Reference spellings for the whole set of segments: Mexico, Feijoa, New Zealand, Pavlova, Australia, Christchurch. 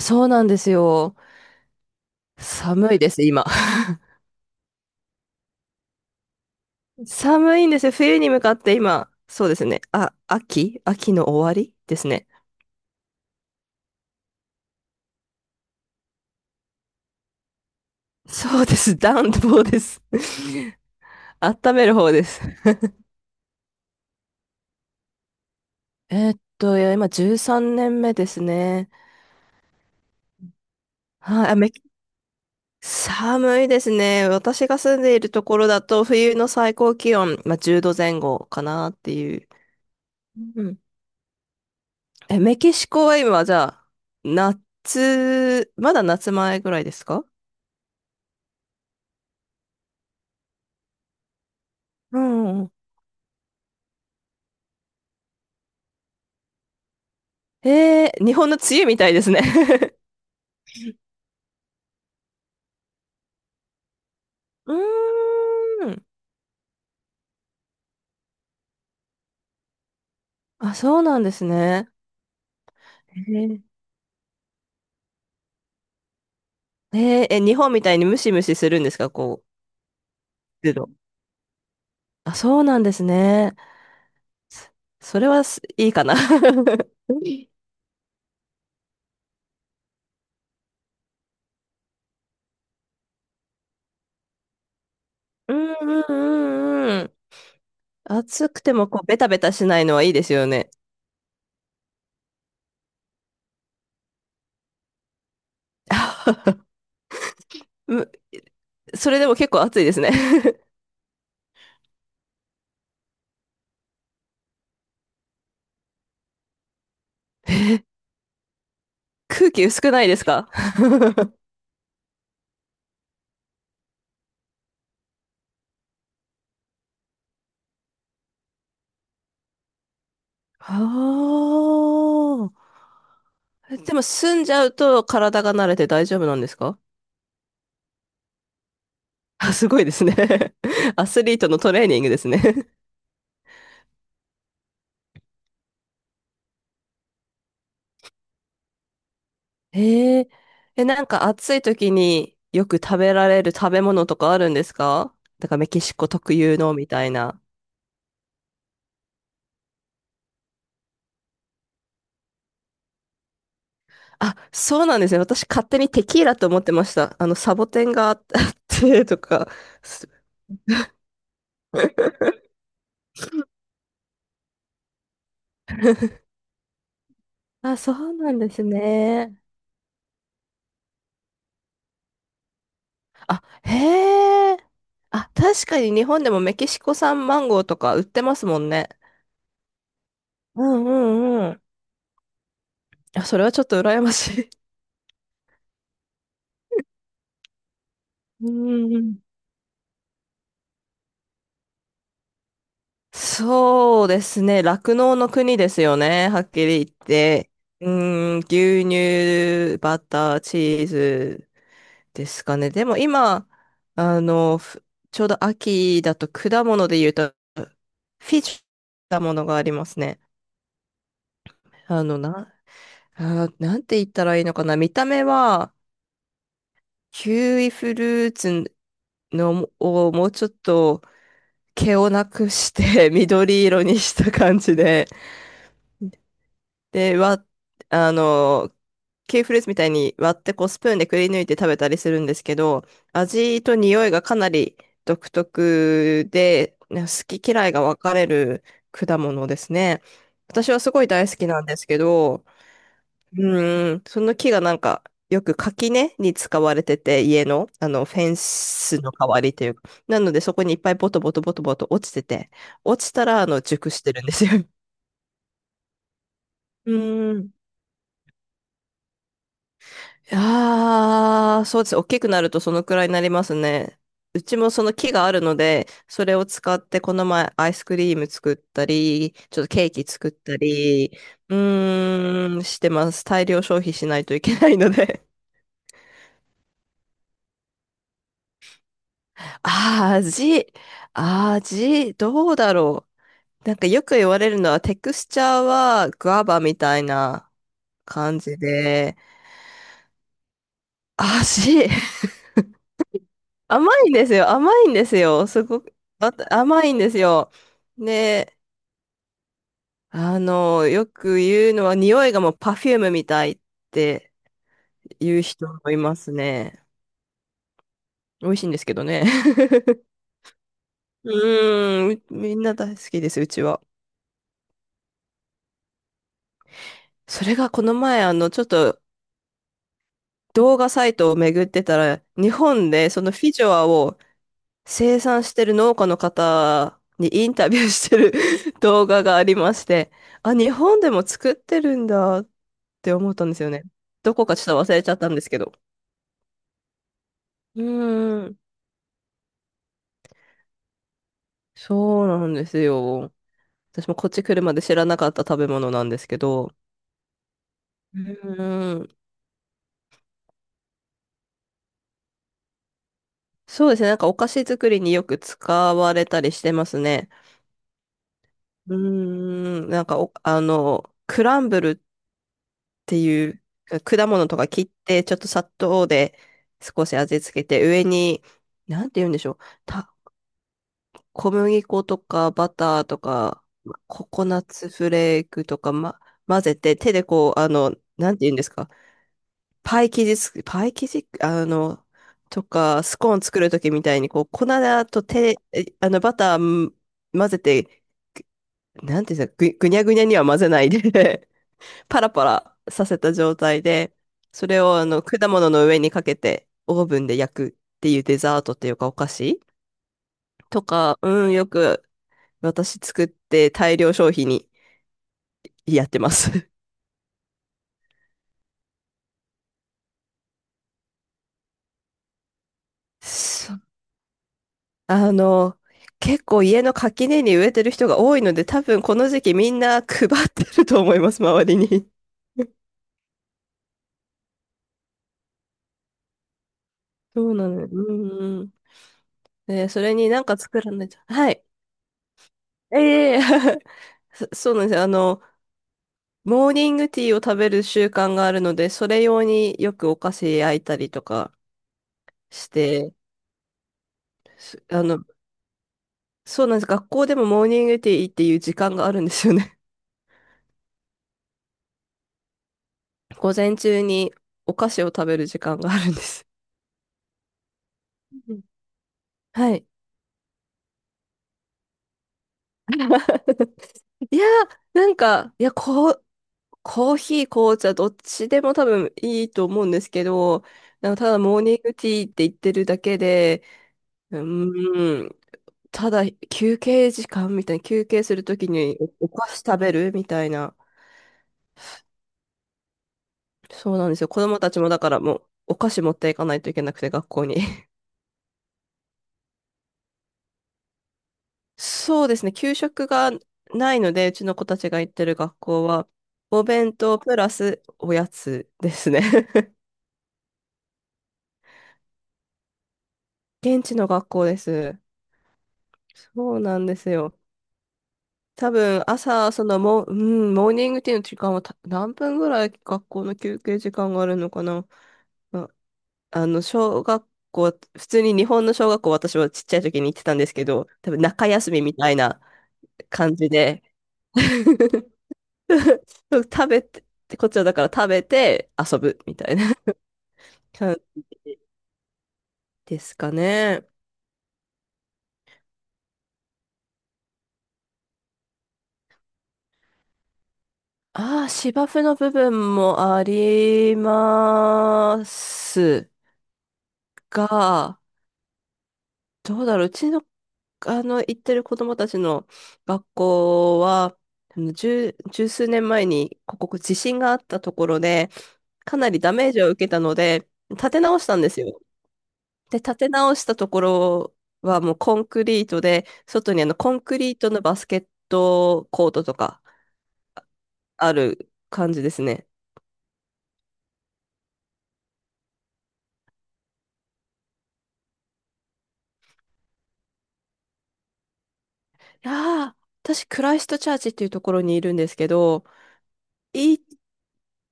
そうなんですよ。寒いです、今。寒いんですよ。冬に向かって今。そうですね。あ、秋の終わりですね。そうです。暖房です。温める方です。いや、今13年目ですね。はい、寒いですね。私が住んでいるところだと、冬の最高気温、まあ、10度前後かなっていう。うん。え、メキシコは今、じゃあ、夏、まだ夏前ぐらいですか？うんうん。えー、日本の梅雨みたいですね。 うーん。あ、そうなんですね。えー、えーえ日本みたいにムシムシするんですか、こう、湿度。あ、そうなんですね。そそれはすいいかな。 うんうんうんうん。暑くてもこう、ベタベタしないのはいいですよね。むそれでも結構暑いですね。 えー、空気薄くないですか？ ああ。えでも住んじゃうと体が慣れて大丈夫なんですか？あ、すごいですね。アスリートのトレーニングですね。 えー、え、なんか暑い時によく食べられる食べ物とかあるんですか？だからメキシコ特有のみたいな。あ、そうなんですね。私勝手にテキーラと思ってました。あの、サボテンがあっ あってとか。すあ、そうなんですね。あ、へえ。あ、確かに日本でもメキシコ産マンゴーとか売ってますもんね。うんうんうん。あ、それはちょっと羨ましい。うんうん。そうですね。酪農の国ですよね。はっきり言って。うーん、牛乳、バター、チーズですかね。でも今、あの、ふちょうど秋だと果物で言うと、フィッシュ果物がありますね。あの、な、あー、なんて言ったらいいのかな。見た目は、キウイフルーツの、をもうちょっと、毛をなくして 緑色にした感じで、で、わ、あの、キウイフルーツみたいに割ってこうスプーンでくり抜いて食べたりするんですけど、味と匂いがかなり独特で、ね好き嫌いが分かれる果物ですね。私はすごい大好きなんですけど、うん、その木がなんか、よく垣根に使われてて、家の、あの、フェンスの代わりというか。なので、そこにいっぱいボトボトボトボト落ちてて、落ちたら、あの、熟してるんですよ。うん。ああ、そうです。大きくなるとそのくらいになりますね。うちもその木があるので、それを使ってこの前アイスクリーム作ったり、ちょっとケーキ作ったり、うーん、してます。大量消費しないといけないので、あー、味、どうだろう。なんかよく言われるのは、テクスチャーはグアバみたいな感じで、味、甘いんですよ。甘いんですよ。すごく、あ甘いんですよ。で、あの、よく言うのは、匂いがもうパフュームみたいって言う人もいますね。美味しいんですけどね。うーん、みんな大好きです、うちは。それがこの前、あの、ちょっと動画サイトを巡ってたら、日本でそのフィジョアを生産してる農家の方にインタビューしてる 動画がありまして、あ、日本でも作ってるんだって思ったんですよね。どこかちょっと忘れちゃったんですけど。うーん、そうなんですよ。私もこっち来るまで知らなかった食べ物なんですけど。うーん、そうですね。なんかお菓子作りによく使われたりしてますね。うーん、なんかお、あの、クランブルっていう、果物とか切って、ちょっと砂糖で少し味付けて、上に、なんて言うんでしょう。た、小麦粉とかバターとか、まココナッツフレークとか、ま、混ぜて、手でこう、あの、なんて言うんですか。パイ生地、あの、とか、スコーン作るときみたいに、こう、粉と手、あの、バターん混ぜて、なんていうんですか、ぐにゃぐにゃには混ぜないでパラパラさせた状態で、それをあの果物の上にかけてオーブンで焼くっていうデザートっていうかお菓子とか、うん、よく私作って大量消費にやってます。そあの、結構家の垣根に植えてる人が多いので、多分この時期みんな配ってると思います、周りに。そうなのよ。うんうん。で、それになんか作らないと。はい。ええ。 そうなんですよ。あの、モーニングティーを食べる習慣があるので、それ用によくお菓子焼いたりとかして、あの、そうなんです。学校でもモーニングティーっていう時間があるんですよね。午前中にお菓子を食べる時間があるんです。うん、はい。いやー、なんか、いや、こう、コーヒー、紅茶、どっちでも多分いいと思うんですけど、なんかただモーニングティーって言ってるだけで、うーん、ただ休憩時間みたいな、休憩するときにお菓子食べるみたいな。そうなんですよ。子供たちもだからもうお菓子持っていかないといけなくて学校に。そうですね。給食がないので、うちの子たちが行ってる学校は、お弁当プラスおやつですね。現地の学校です。そうなんですよ。多分朝、そのもう、うん、モーニングティーの時間は何分ぐらい学校の休憩時間があるのかな。ま、あの、小学校、普通に日本の小学校、私はちっちゃい時に行ってたんですけど、多分中休みみたいな感じで、食べて、こっちはだから食べて遊ぶみたいな 感じですかね。ああ、芝生の部分もありますが、どうだろう、うちの、あの、行ってる子供たちの学校は、あの、十数年前に、ここ地震があったところで、かなりダメージを受けたので、立て直したんですよ。で、立て直したところはもうコンクリートで、外にあのコンクリートのバスケットコートとかある感じですね。いやー、私、クライストチャーチっていうところにいるんですけど、い、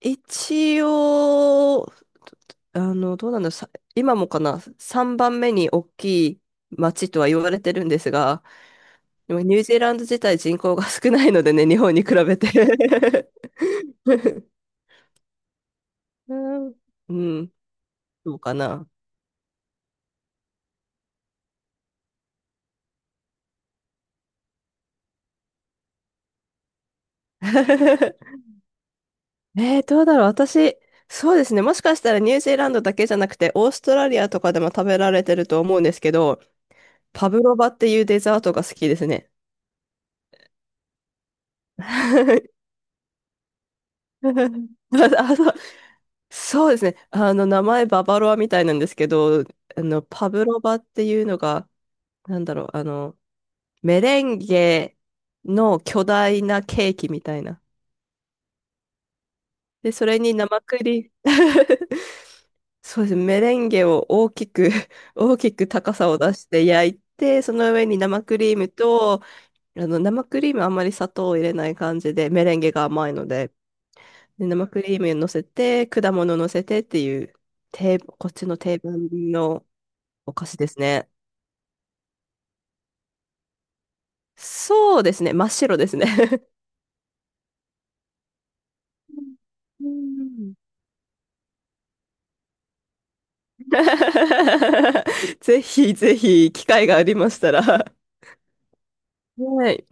一応、あの、どうなんだろう、今もかな、3番目に大きい街とは言われてるんですが、でもニュージーランド自体人口が少ないのでね、日本に比べて。うん。うん、そうかな。えー、どうだろう。私、そうですね。もしかしたらニュージーランドだけじゃなくて、オーストラリアとかでも食べられてると思うんですけど、パブロバっていうデザートが好きですね。あ、そう、そうですね。あの、名前ババロアみたいなんですけど、あの、パブロバっていうのが、なんだろう、あの、メレンゲの巨大なケーキみたいな。で、それに生クリーム。 そうですね。メレンゲを大きく 大きく高さを出して焼いて、その上に生クリームと、あの、生クリームあんまり砂糖を入れない感じで、メレンゲが甘いので、で、生クリーム乗せて、果物乗せてっていう、こっちの定番のお菓子ですね。そうですね。真っ白ですね。うん。 ぜひぜひ、機会がありましたら。はい。